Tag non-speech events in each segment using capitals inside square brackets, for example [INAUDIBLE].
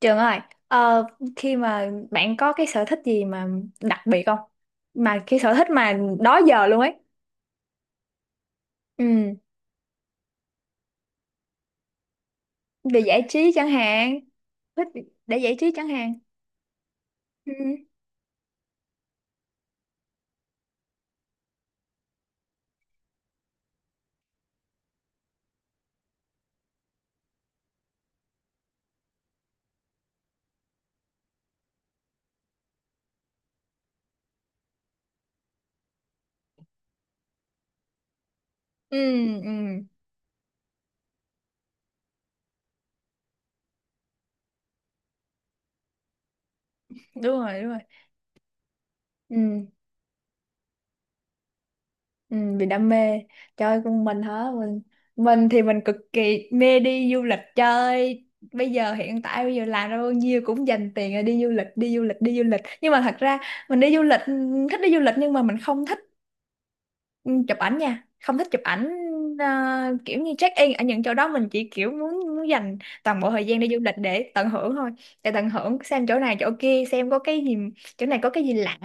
Trường ơi, ờ, khi mà bạn có cái sở thích gì mà đặc biệt không? Mà cái sở thích mà đó giờ luôn ấy. Ừ, về giải trí chẳng hạn, thích để giải trí chẳng hạn. Ừ, ừ, ừ, đúng rồi, đúng rồi. Ừ, ừ, vì đam mê. Trời con mình hả? Mình thì mình cực kỳ mê đi du lịch chơi. Bây giờ hiện tại bây giờ làm ra bao nhiêu cũng dành tiền là đi du lịch, đi du lịch, đi du lịch. Nhưng mà thật ra mình đi du lịch, thích đi du lịch nhưng mà mình không thích, Ừ, chụp ảnh nha, không thích chụp ảnh, ờ, kiểu như check in ở những chỗ đó, mình chỉ kiểu muốn muốn dành toàn bộ thời gian đi du lịch để tận hưởng thôi, để tận hưởng xem chỗ này chỗ kia, xem có cái gì, chỗ này có cái gì lạ,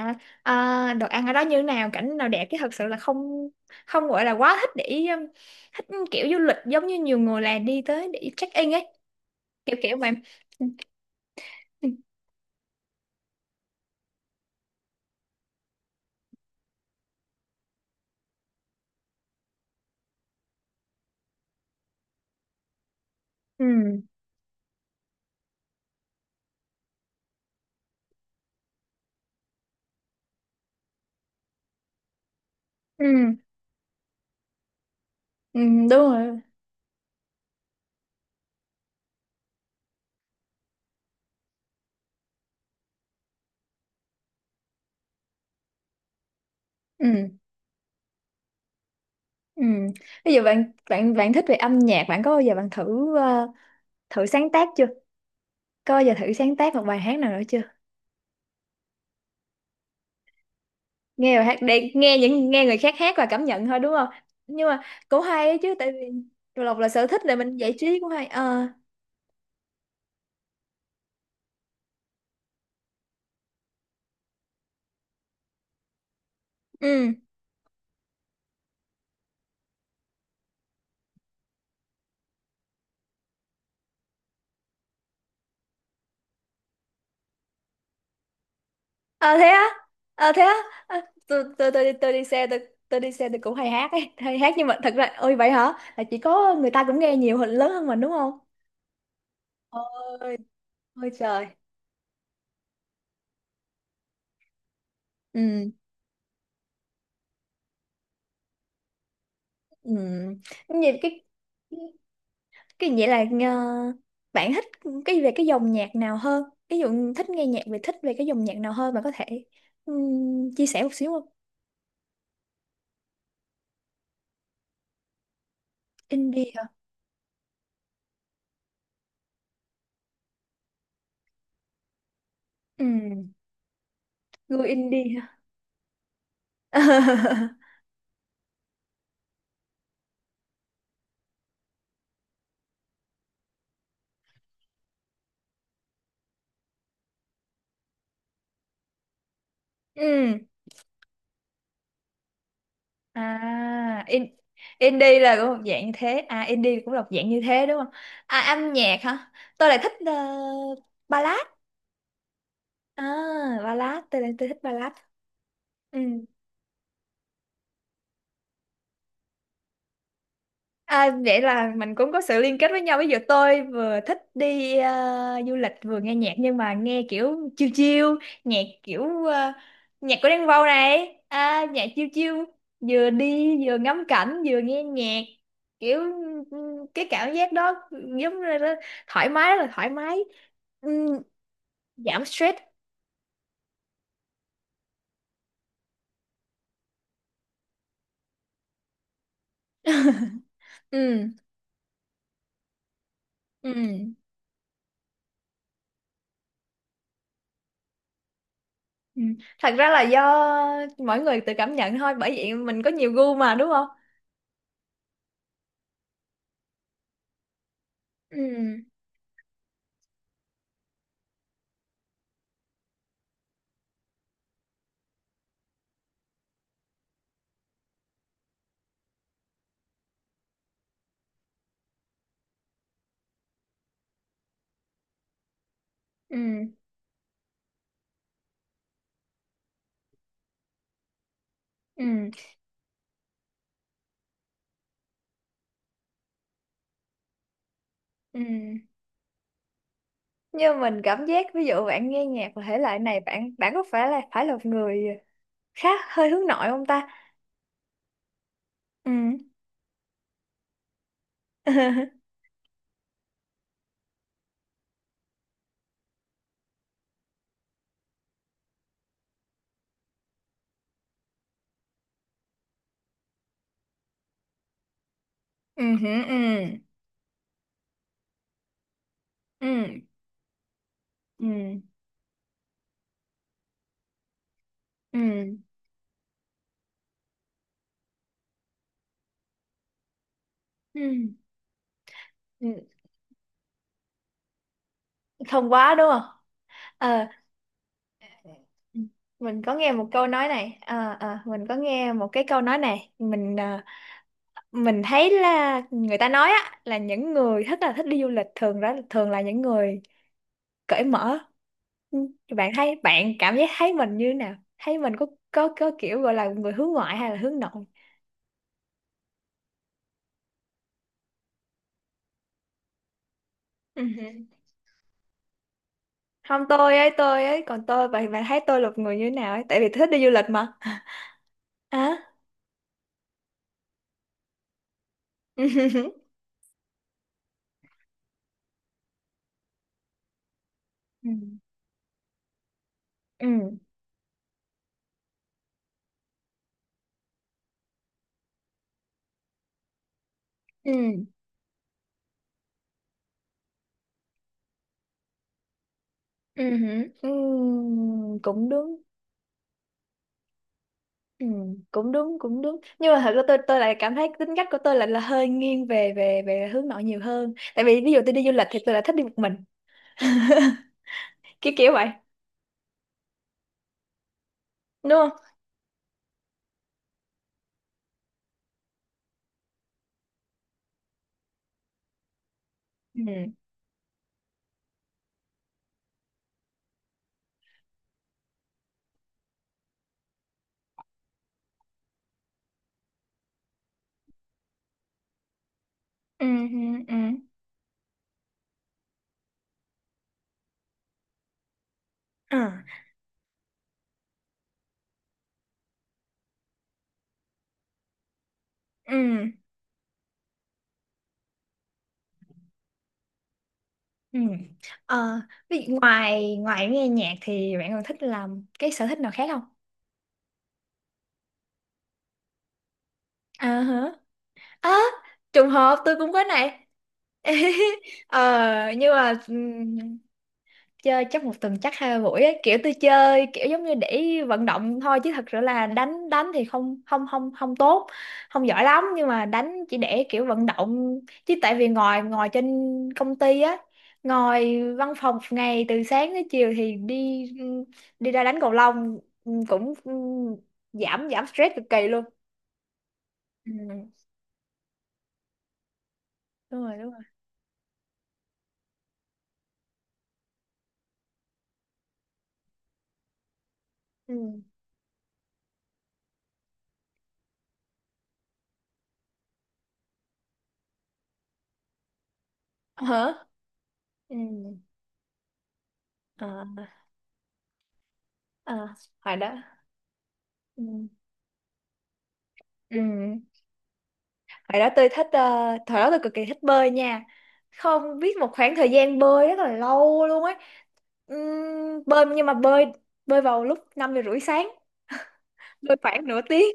đồ ăn ở đó như thế nào, cảnh nào đẹp, chứ thật sự là không, không gọi là quá thích để thích kiểu du lịch giống như nhiều người là đi tới để check in ấy, kiểu kiểu vậy. Ừ ừ ừ ừ, đúng rồi. Ừ ừ. Bây giờ bạn bạn bạn thích về âm nhạc, bạn có bao giờ bạn thử thử sáng tác chưa? Có bao giờ thử sáng tác một bài hát nào nữa chưa? Nghe bài hát để nghe người khác hát và cảm nhận thôi đúng không? Nhưng mà cũng hay ấy chứ tại vì Lộc là sở thích là mình giải trí cũng hay. Ờ ừ. Ờ thế á. Ờ thế á. Ờ, Tôi tôi tôi tôi đi xe tôi tôi đi xe tôi cũng hay hát ấy, hay hát nhưng mà thật ra, ôi vậy hả? Là chỉ có người ta cũng nghe nhiều hơn lớn hơn mình đúng không? Ôi, ôi trời. Ừ. Ừ. Như vậy Cái vậy là ờ, bạn thích cái, về cái dòng nhạc nào hơn? Ví dụ thích nghe nhạc về, thích về cái dòng nhạc nào hơn, bạn có thể chia sẻ một xíu không? Indie hả? Ừ, gu indie hả? [LAUGHS] Ừ. À, indie là cũng một dạng như thế. À, indie cũng là một dạng như thế đúng không? À, âm nhạc hả? Tôi lại thích ballad. À, ballad. Tôi thích ballad. Ừ. À, vậy là mình cũng có sự liên kết với nhau. Ví dụ tôi vừa thích đi du lịch, vừa nghe nhạc nhưng mà nghe kiểu chill chill, nhạc kiểu nhạc của Đen Vâu này, à, nhạc chill chill, vừa đi vừa ngắm cảnh vừa nghe nhạc. Kiểu ừ, cái cảm giác đó giống như là thoải mái, rất là thoải mái. Ừ, giảm stress. Ừ. Ừ. Ừ. Thật ra là do mỗi người tự cảm nhận thôi, bởi vậy mình có nhiều gu mà đúng không? Ừ. Ừ. Ừ. Ừ. Nhưng mình cảm giác ví dụ bạn nghe nhạc và thể loại này, bạn bạn có phải là một người khá hơi hướng nội không ta? Ừ. [LAUGHS] Ừ. Ừ. Ừ. Ừ. Ừ. Ừ. Ừ. Ừ. Không quá đúng không? Ờ. Ừ. Mình có nghe một câu nói này. Ờ, mình có nghe một cái câu nói này, mình thấy là người ta nói á, là những người thích, là thích đi du lịch thường đó, thường là những người cởi mở. Ừ, bạn thấy, bạn cảm giác thấy mình như nào, thấy mình có kiểu gọi là người hướng ngoại hay là hướng nội. Ừ. Không, tôi ấy, tôi ấy, còn tôi, bạn bạn thấy tôi là người như thế nào ấy, tại vì thích đi du lịch mà. À, [LAUGHS] ừ ừ ừ ừ ừ ừ, cũng đúng. Ừ, cũng đúng, cũng đúng. Nhưng mà thật ra tôi lại cảm thấy tính cách của tôi lại là hơi nghiêng về về về hướng nội nhiều hơn, tại vì ví dụ tôi đi du lịch thì tôi lại thích đi một mình, kiểu kiểu vậy đúng không? Ừ. Ừ ừ ừ ừ ừ ừ. Ờ, vậy ngoài ngoài nghe nhạc thì bạn còn thích làm cái sở thích nào khác không? À hả. À, trùng hợp tôi cũng có này. [LAUGHS] Ờ, nhưng mà chơi chắc một tuần chắc hai ba buổi ấy. Kiểu tôi chơi kiểu giống như để vận động thôi, chứ thật sự là đánh đánh thì không không không không tốt, không giỏi lắm, nhưng mà đánh chỉ để kiểu vận động. Chứ tại vì ngồi ngồi trên công ty á, ngồi văn phòng một ngày từ sáng tới chiều thì đi, ra đánh cầu lông, ừ, cũng ừ, giảm giảm stress cực kỳ luôn. Ừ, đúng rồi đúng rồi. Ừ. Hả ừ. À, à, hồi đó. Ừ. Ừ. Hồi đó tôi thích thời đó tôi cực kỳ thích bơi nha. Không biết một khoảng thời gian bơi rất là lâu luôn ấy. Bơi nhưng mà bơi bơi vào lúc 5:30 sáng, bơi khoảng nửa tiếng.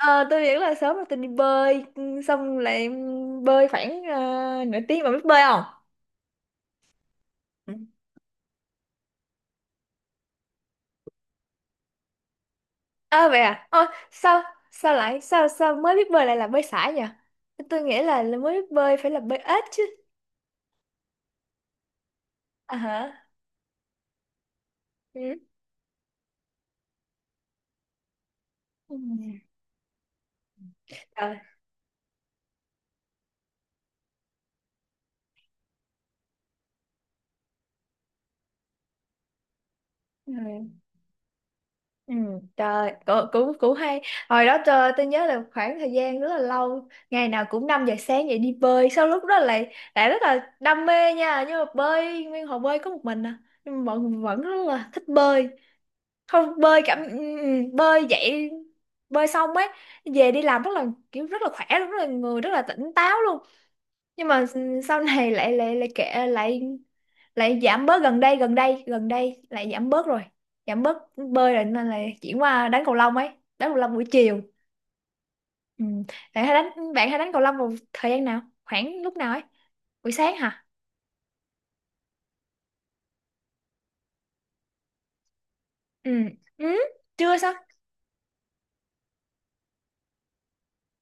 Ờ, tôi nghĩ là sớm rồi tôi đi bơi, xong lại bơi khoảng nửa tiếng mà biết bơi không? Ừ. À vậy à? Ôi, sao sao lại sao sao mới biết bơi lại là bơi sải nhỉ? Tôi nghĩ là mới biết bơi phải là bơi ếch chứ. À hả? Ừ. Ừ. Trời. Ừ. Ừ, trời cũng, cũng cũng hay. Hồi đó trời tôi nhớ là khoảng thời gian rất là lâu, ngày nào cũng 5 giờ sáng dậy đi bơi. Sau lúc đó lại lại rất là đam mê nha, nhưng mà bơi nguyên hồ bơi có một mình à, nhưng mà mọi người vẫn rất là thích bơi, không bơi cảm, ừ, ừ, bơi dậy, bơi xong ấy về đi làm rất là, kiểu rất là khỏe luôn, rất là người rất là tỉnh táo luôn. Nhưng mà sau này lại lại lại kệ, lại lại giảm bớt, gần đây lại giảm bớt rồi, giảm bớt bơi rồi nên là chuyển qua đánh cầu lông ấy, đánh cầu lông buổi chiều. Ừ. Bạn hay đánh cầu lông vào thời gian nào, khoảng lúc nào ấy, buổi sáng hả? Ừ ừ. Trưa sao? [LAUGHS]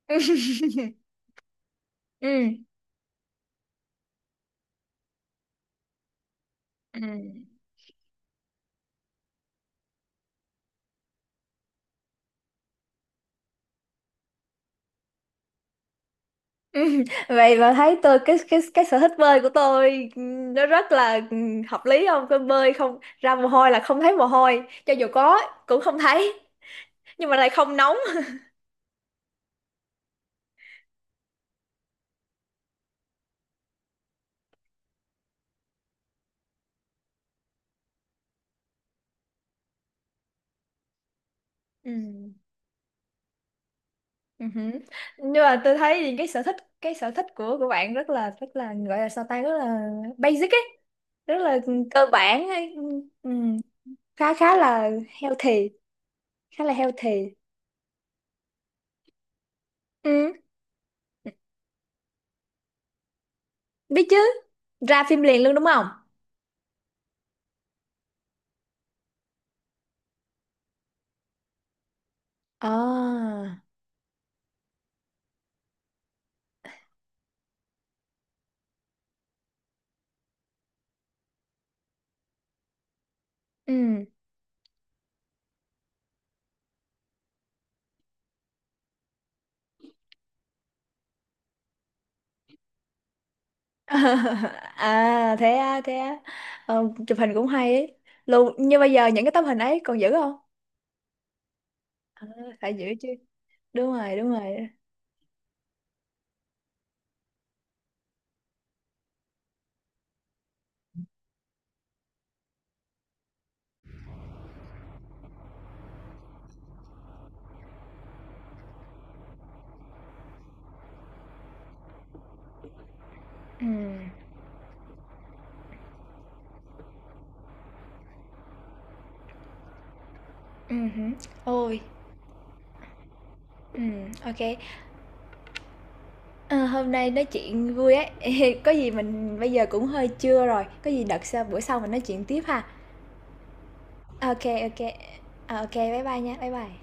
Ừ ừ ừ. Ừ. Vậy mà thấy tôi, cái sở thích bơi của tôi, ừ, nó rất là ừ, hợp lý không? Tôi bơi không ra mồ hôi là không thấy mồ hôi, cho dù có cũng không thấy, nhưng mà lại không nóng. Ừ. Ừ hử. Nhưng mà tôi thấy thì cái sở thích, cái sở thích của bạn rất là, gọi là sao ta, rất là basic ấy, rất là cơ bản ấy. Ừ. khá khá là healthy, khá là healthy. Ừ. Biết chứ, ra phim liền luôn đúng không? À ừ. [LAUGHS] À thế á, thế á. Chụp hình cũng hay ấy, luôn như bây giờ những cái tấm hình ấy còn giữ không? Phải giữ chứ. Đúng rồi đúng rồi. Ừ. Ừ hử. Ôi ừ. OK. Ờ, hôm nay nói chuyện vui ấy. [LAUGHS] Có gì mình bây giờ cũng hơi trưa rồi, có gì đợt sau bữa sau mình nói chuyện tiếp ha. OK, OK, ô. Ờ, ô, bye bye nha, bye bye.